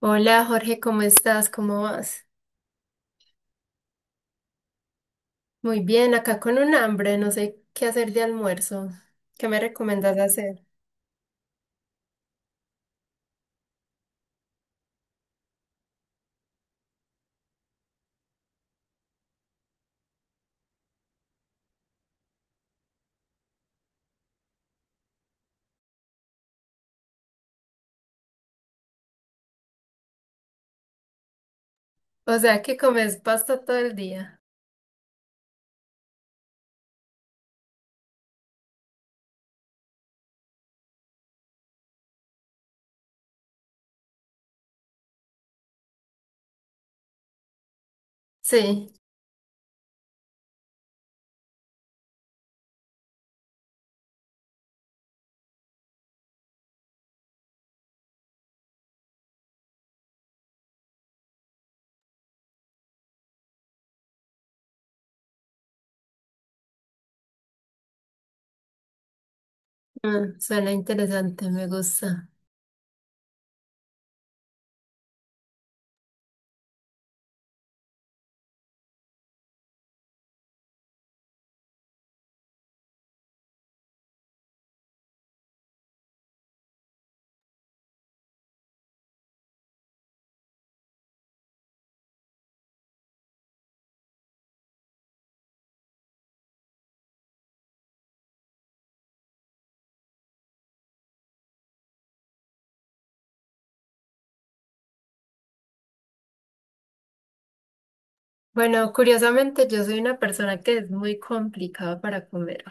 Hola Jorge, ¿cómo estás? ¿Cómo vas? Muy bien, acá con un hambre, no sé qué hacer de almuerzo. ¿Qué me recomiendas hacer? O sea, ¿que comes pasta todo el día? Sí, ah, suena interesante, me gusta. Bueno, curiosamente yo soy una persona que es muy complicada para comer.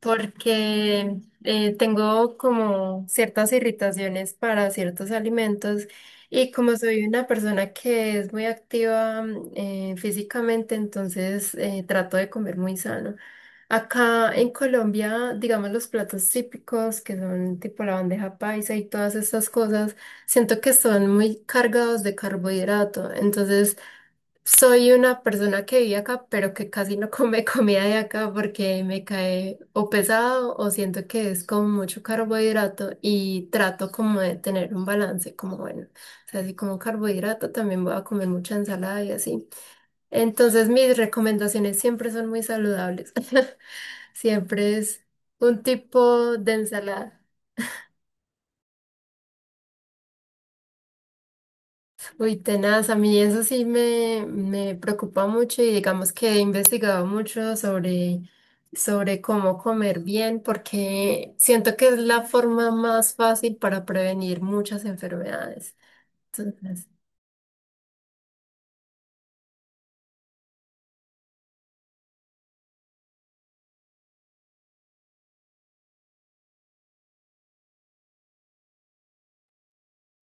Porque tengo como ciertas irritaciones para ciertos alimentos y como soy una persona que es muy activa físicamente, entonces trato de comer muy sano. Acá en Colombia, digamos los platos típicos que son tipo la bandeja paisa y todas estas cosas, siento que son muy cargados de carbohidrato, entonces soy una persona que vive acá, pero que casi no come comida de acá porque me cae o pesado o siento que es como mucho carbohidrato y trato como de tener un balance, como bueno, o sea, si como carbohidrato también voy a comer mucha ensalada y así. Entonces mis recomendaciones siempre son muy saludables. Siempre es un tipo de ensalada. Uy, tenaz, a mí eso sí me preocupa mucho y digamos que he investigado mucho sobre cómo comer bien porque siento que es la forma más fácil para prevenir muchas enfermedades. Entonces,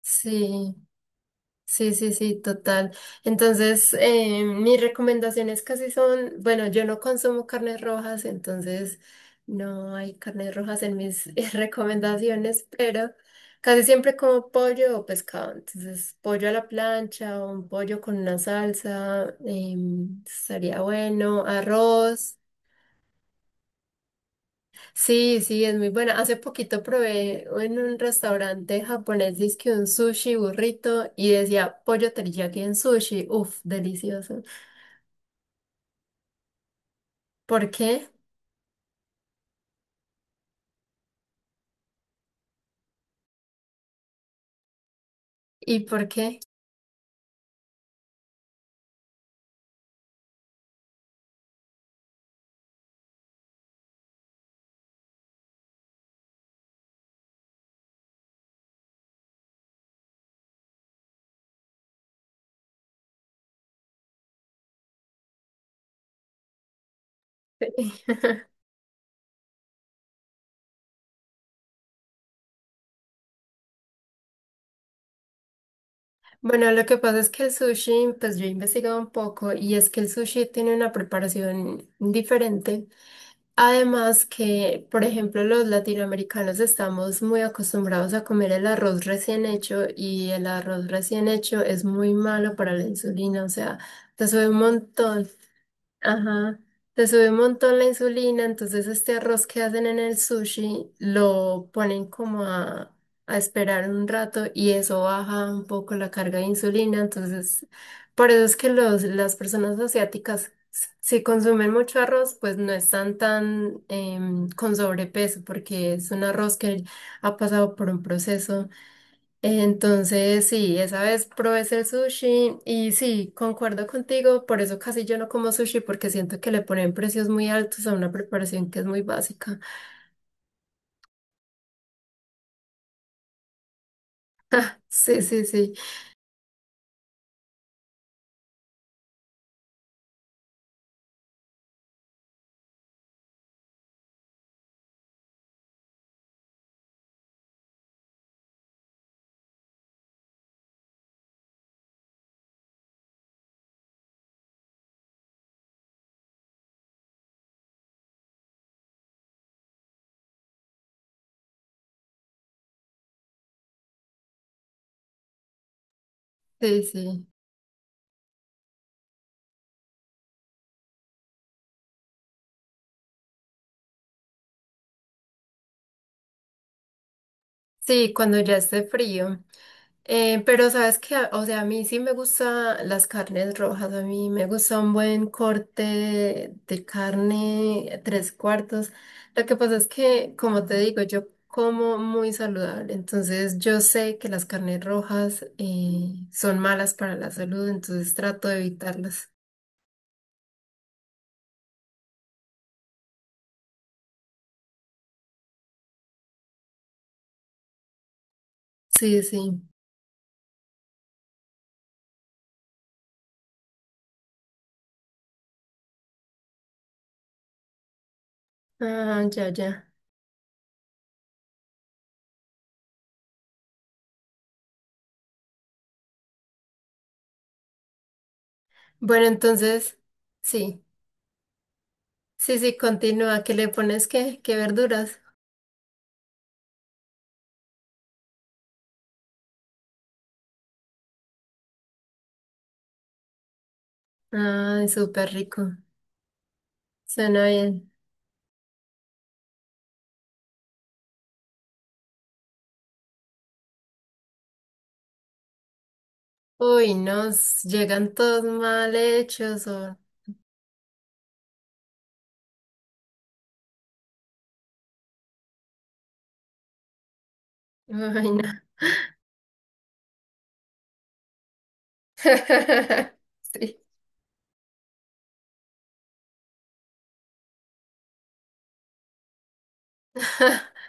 sí. Sí, sí, sí, total. Entonces, mis recomendaciones casi son, bueno, yo no consumo carnes rojas, entonces no hay carnes rojas en mis recomendaciones, pero casi siempre como pollo o pescado. Entonces, pollo a la plancha o un pollo con una salsa, estaría bueno, arroz. Sí, sí, es muy buena. Hace poquito probé en un restaurante japonés, dizque un sushi burrito y decía pollo teriyaki en sushi. Uf, delicioso. ¿Por qué? ¿Y por qué? Bueno, lo que pasa es que el sushi, pues yo he investigado un poco y es que el sushi tiene una preparación diferente. Además que, por ejemplo, los latinoamericanos estamos muy acostumbrados a comer el arroz recién hecho y el arroz recién hecho es muy malo para la insulina, o sea, te sube un montón. Ajá, te sube un montón la insulina, entonces este arroz que hacen en el sushi lo ponen como a esperar un rato y eso baja un poco la carga de insulina, entonces por eso es que las personas asiáticas, si consumen mucho arroz, pues no están tan con sobrepeso porque es un arroz que ha pasado por un proceso, entonces, sí, esa vez probé el sushi y sí, concuerdo contigo, por eso casi yo no como sushi porque siento que le ponen precios muy altos a una preparación que es muy básica. Sí, sí, sí, sí, sí. Sí, cuando ya esté frío. Pero sabes que, o sea, a mí sí me gustan las carnes rojas, a mí me gusta un buen corte de carne tres cuartos. Lo que pasa es que, como te digo, yo como muy saludable, entonces yo sé que las carnes rojas son malas para la salud, entonces trato de evitarlas. Sí, sí. Ah, ya, ya. Bueno, entonces, sí, sí, sí, continúa. ¿Qué le pones qué? ¿Qué verduras? Ay, súper rico. Suena bien. Uy, nos llegan todos mal hechos o... Ay, no. Sí.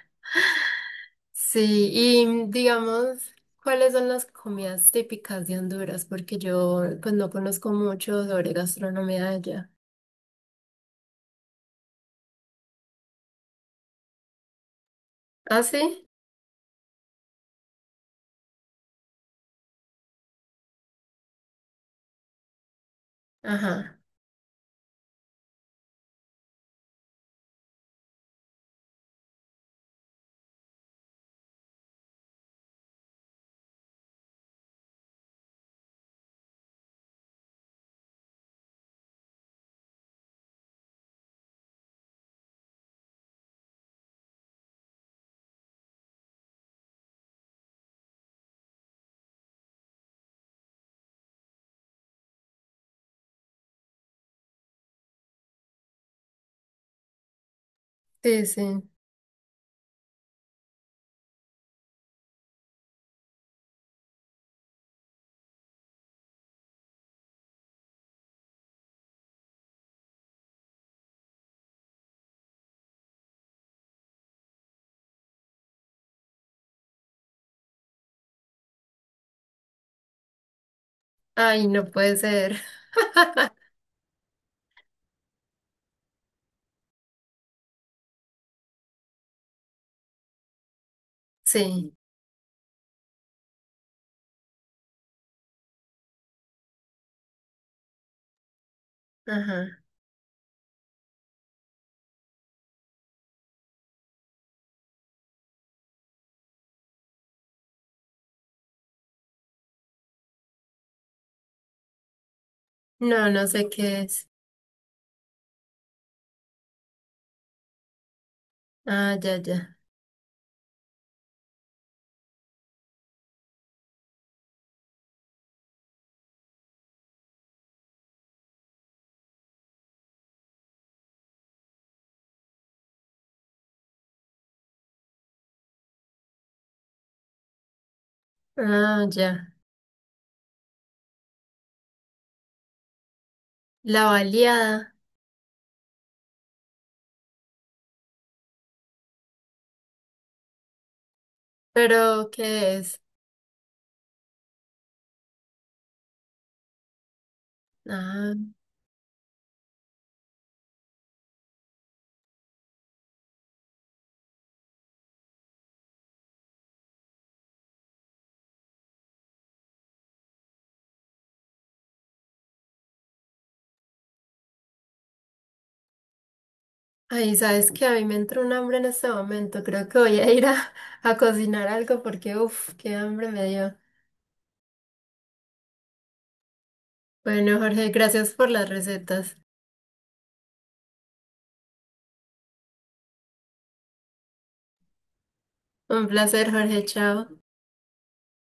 Sí, y digamos, ¿cuáles son las comidas típicas de Honduras? Porque yo pues no conozco mucho sobre gastronomía de allá. ¿Ah, sí? Ajá. Sí, sí. Ay, no puede ser. Sí. Ajá. No, no sé qué es. Ah, ya, ya. Ah, ya. La baleada. ¿Pero qué es? Ah. Ay, sabes que a mí me entró un hambre en este momento. Creo que voy a ir a, a cocinar algo porque, uff, qué hambre me dio. Bueno, Jorge, gracias por las recetas. Un placer, Jorge, chao.